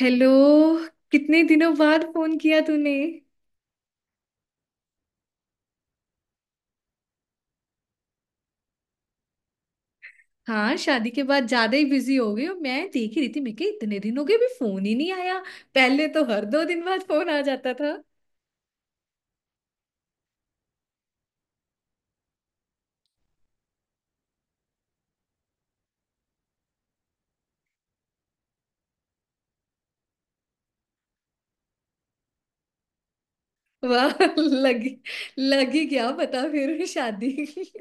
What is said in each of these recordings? Hello. कितने दिनों बाद फोन किया तूने। हाँ, शादी के बाद ज्यादा ही बिजी हो गई हूँ। मैं देख ही रही थी मैं कि इतने दिन हो गए, अभी फोन ही नहीं आया। पहले तो हर 2 दिन बाद फोन आ जाता था। वाह। लगी लगी, क्या पता फिर शादी।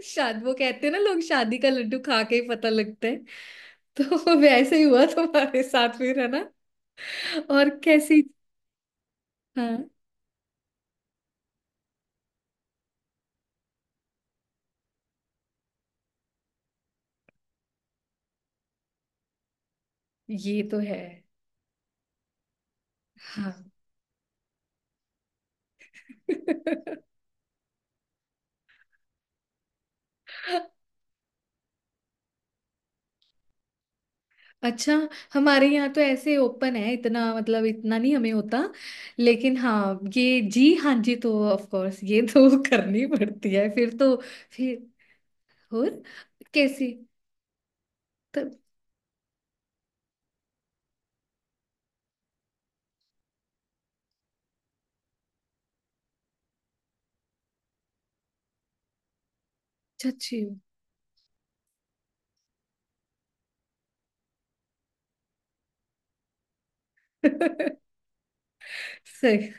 शादी वो कहते हैं ना, लोग शादी का लड्डू खा के ही पता लगता है। तो वैसे ही हुआ तुम्हारे साथ फिर, है ना। और कैसी। हाँ, ये तो है। हाँ। अच्छा। हमारे यहाँ तो ऐसे ओपन है, इतना मतलब इतना नहीं हमें होता। लेकिन हाँ, ये जी हाँ जी तो ऑफ कोर्स, ये तो करनी पड़ती है फिर तो। फिर और कैसी। तब। अच्छी हूँ। सही।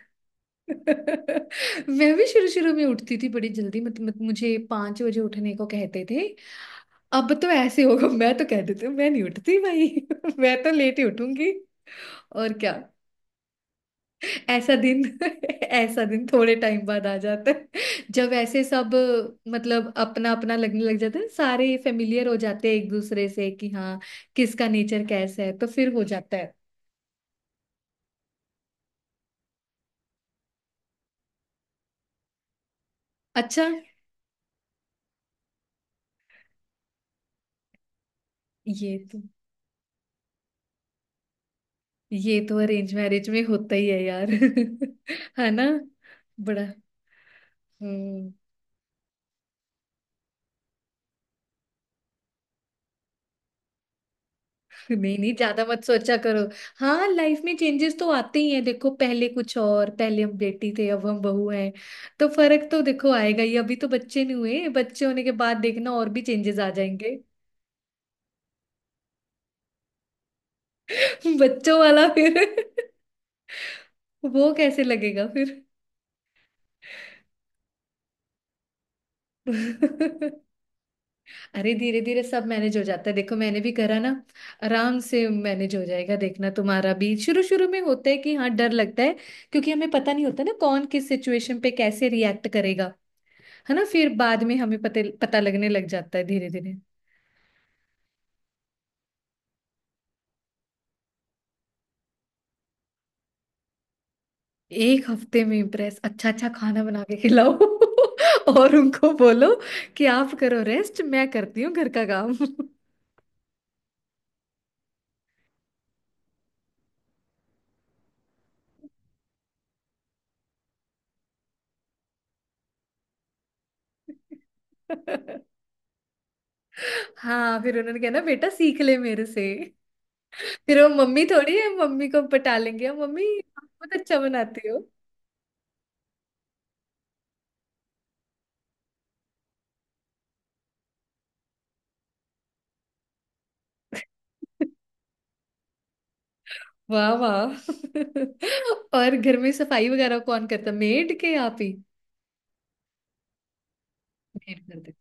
मैं भी शुरू शुरू में उठती थी बड़ी जल्दी। मत मुझे 5 बजे उठने को कहते थे। अब तो ऐसे होगा, मैं तो कह देती हूँ, मैं नहीं उठती भाई। मैं तो लेट ही उठूंगी। और क्या। ऐसा दिन। ऐसा दिन थोड़े टाइम बाद आ जाता है, जब ऐसे सब, मतलब अपना अपना लगने लग जाता है, सारे फेमिलियर हो जाते हैं एक दूसरे से कि हाँ किसका नेचर कैसा है, तो फिर हो जाता है। अच्छा। ये तो ये तो अरेंज मैरिज में होता ही है यार। है ना। बड़ा। हम्म। नहीं नहीं, ज्यादा मत सोचा करो। हाँ, लाइफ में चेंजेस तो आते ही हैं। देखो, पहले कुछ और, पहले हम बेटी थे, अब हम बहू हैं। तो फर्क तो देखो आएगा ही। अभी तो बच्चे नहीं हुए, बच्चे होने के बाद देखना और भी चेंजेस आ जाएंगे। बच्चों वाला फिर। वो कैसे लगेगा फिर। अरे धीरे धीरे सब मैनेज हो जाता है। देखो मैंने भी करा ना, आराम से मैनेज हो जाएगा देखना। तुम्हारा भी शुरू शुरू में होता है कि हाँ डर लगता है, क्योंकि हमें पता नहीं होता ना कौन किस सिचुएशन पे कैसे रिएक्ट करेगा। है ना। फिर बाद में हमें पते पता लगने लग जाता है धीरे धीरे। एक हफ्ते में इम्प्रेस। अच्छा अच्छा खाना बना के खिलाओ। और उनको बोलो कि आप करो रेस्ट, मैं करती हूँ घर का काम। हाँ, फिर उन्होंने कहा ना बेटा सीख ले मेरे से। फिर वो मम्मी थोड़ी है, मम्मी को पटा लेंगे, मम्मी आप बहुत अच्छा बनाती हो। वाह वाह। और घर में सफाई वगैरह कौन करता, मेड के आप ही। मेड करते।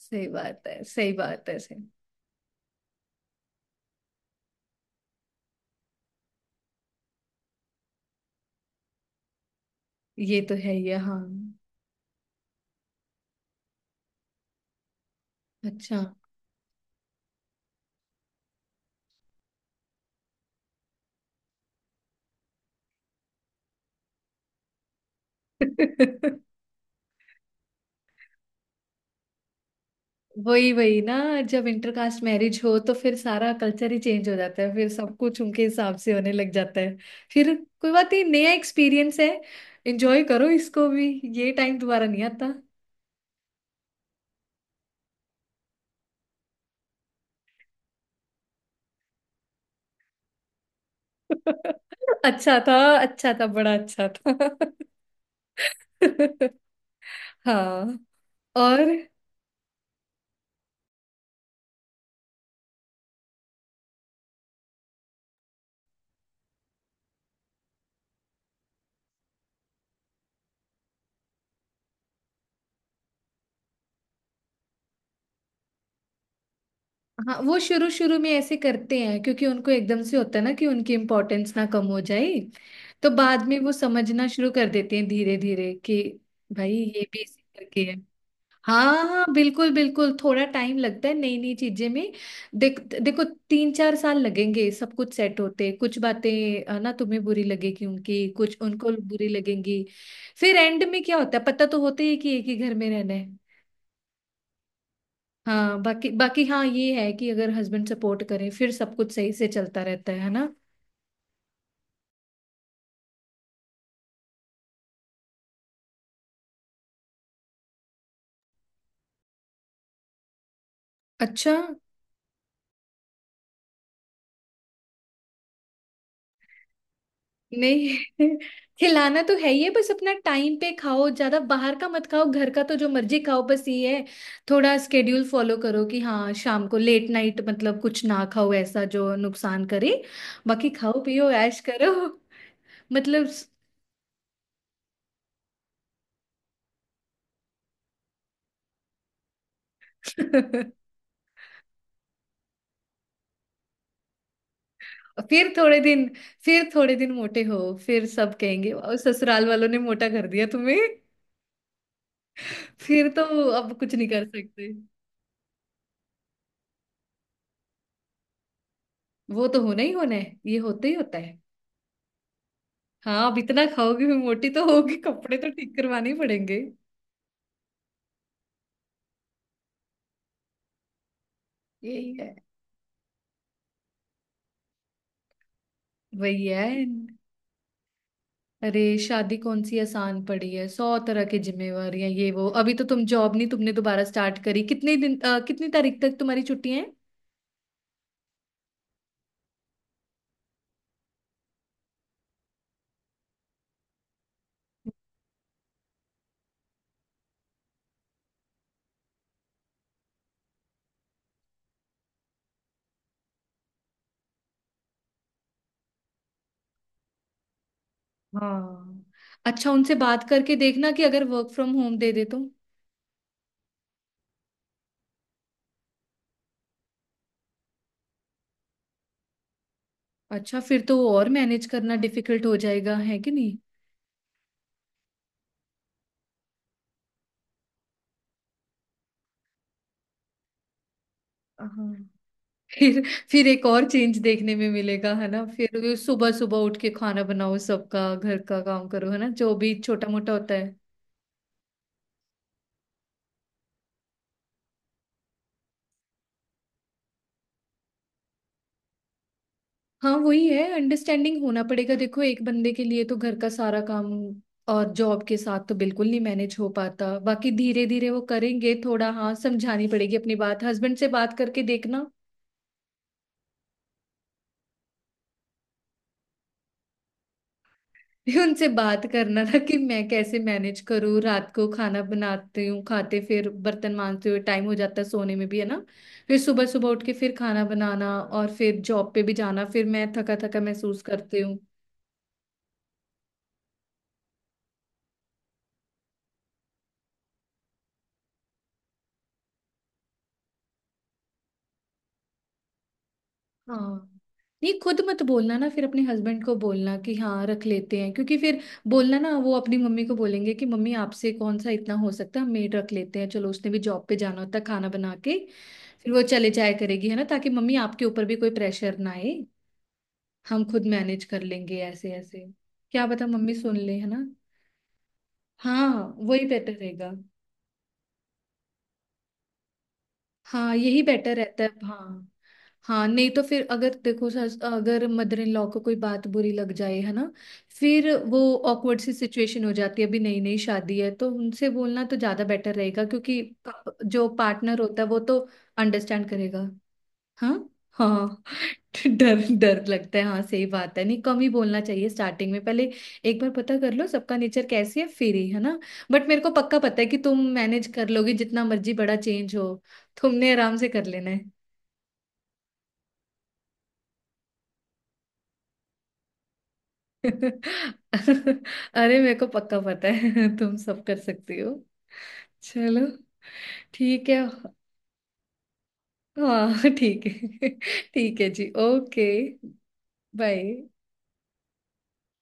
सही बात है, सही बात है सही। ये तो है ही है, हाँ। अच्छा। वही वही ना। जब इंटरकास्ट मैरिज हो तो फिर सारा कल्चर ही चेंज हो जाता है, फिर सब कुछ उनके हिसाब से होने लग जाता है। फिर कोई बात नहीं, नया एक्सपीरियंस है, एंजॉय करो इसको भी। ये टाइम दोबारा नहीं आता। अच्छा था। अच्छा था, बड़ा अच्छा था। हाँ। और। हाँ, वो शुरू शुरू में ऐसे करते हैं क्योंकि उनको एकदम से होता है ना कि उनकी इम्पोर्टेंस ना कम हो जाए। तो बाद में वो समझना शुरू कर देते हैं धीरे धीरे कि भाई ये भी इसी करके है। हाँ हाँ बिल्कुल बिल्कुल, थोड़ा टाइम लगता है नई नई चीजें में। देखो 3-4 साल लगेंगे सब कुछ सेट होते, कुछ बातें है ना तुम्हें बुरी लगेगी, उनकी कुछ उनको बुरी लगेंगी। फिर एंड में क्या होता है, पता तो होता ही है कि एक ही घर में रहना है। हाँ, बाकी बाकी हाँ ये है कि अगर हस्बैंड सपोर्ट करे फिर सब कुछ सही से चलता रहता है ना। अच्छा। नहीं। खिलाना तो है ही है, बस अपना टाइम पे खाओ, ज्यादा बाहर का मत खाओ, घर का तो जो मर्जी खाओ, बस ये है। थोड़ा स्केड्यूल फॉलो करो कि हाँ शाम को लेट नाइट मतलब कुछ ना खाओ ऐसा जो नुकसान करे। बाकी खाओ पियो ऐश करो। मतलब। फिर थोड़े दिन। फिर थोड़े दिन मोटे हो, फिर सब कहेंगे "वाह, ससुराल वालों ने मोटा कर दिया तुम्हें"। फिर तो अब कुछ नहीं कर सकते। वो तो होना ही होना है, ये होता ही होता है। हाँ, अब इतना खाओगी फिर मोटी तो होगी, कपड़े तो ठीक करवाने ही पड़ेंगे। यही है। वही है। अरे शादी कौन सी आसान पड़ी है, 100 तरह की जिम्मेवारियां, ये वो, अभी तो तुम जॉब नहीं, तुमने दोबारा स्टार्ट करी। कितने दिन, कितनी तारीख तक तुम्हारी छुट्टियां हैं। हाँ। अच्छा, उनसे बात करके देखना कि अगर वर्क फ्रॉम होम दे दे तो। अच्छा, फिर तो और मैनेज करना डिफिकल्ट हो जाएगा, है कि नहीं। हाँ। फिर। फिर एक और चेंज देखने में मिलेगा है ना, फिर सुबह सुबह उठ के खाना बनाओ, सबका घर का काम करो, है ना, जो भी छोटा मोटा होता है। हाँ, वही है, अंडरस्टैंडिंग होना पड़ेगा। देखो एक बंदे के लिए तो घर का सारा काम और जॉब के साथ तो बिल्कुल नहीं मैनेज हो पाता, बाकी धीरे धीरे वो करेंगे। थोड़ा हाँ समझानी पड़ेगी अपनी बात, हस्बैंड से बात करके देखना। फिर उनसे बात करना था कि मैं कैसे मैनेज करूँ, रात को खाना बनाती हूँ, खाते फिर बर्तन मांजते हुए टाइम हो जाता है सोने में भी, है ना। फिर सुबह सुबह उठ के फिर खाना बनाना और फिर जॉब पे भी जाना, फिर मैं थका थका महसूस करती हूँ। हाँ, नहीं खुद मत बोलना ना, फिर अपने हस्बैंड को बोलना कि हाँ रख लेते हैं, क्योंकि फिर बोलना ना वो अपनी मम्मी को बोलेंगे कि मम्मी आपसे कौन सा इतना हो सकता है, हम मेड रख लेते हैं, चलो उसने भी जॉब पे जाना होता है, खाना बना के फिर वो चले जाया करेगी, है ना, ताकि मम्मी आपके ऊपर भी कोई प्रेशर ना आए, हम खुद मैनेज कर लेंगे ऐसे ऐसे। क्या पता मम्मी सुन ले, है ना। हाँ वही बेटर रहेगा। हाँ यही बेटर रहता है, हाँ। हाँ नहीं तो फिर अगर देखो, अगर मदर इन लॉ को कोई बात बुरी लग जाए है ना, फिर वो ऑकवर्ड सी सिचुएशन हो जाती है। अभी नई नई शादी है, तो उनसे बोलना तो ज्यादा बेटर रहेगा क्योंकि जो पार्टनर होता है वो तो अंडरस्टैंड करेगा। हाँ। हाँ हाँ। डर डर लगता है हाँ सही बात है। नहीं कम ही बोलना चाहिए स्टार्टिंग में, पहले एक बार पता कर लो सबका नेचर कैसी है फिर ही, है ना। बट मेरे को पक्का पता है कि तुम मैनेज कर लोगी, जितना मर्जी बड़ा चेंज हो तुमने आराम से कर लेना है। अरे मेरे को पक्का पता है। तुम सब कर सकती हो। चलो ठीक है। हाँ ठीक है। ठीक है जी, ओके। बाय।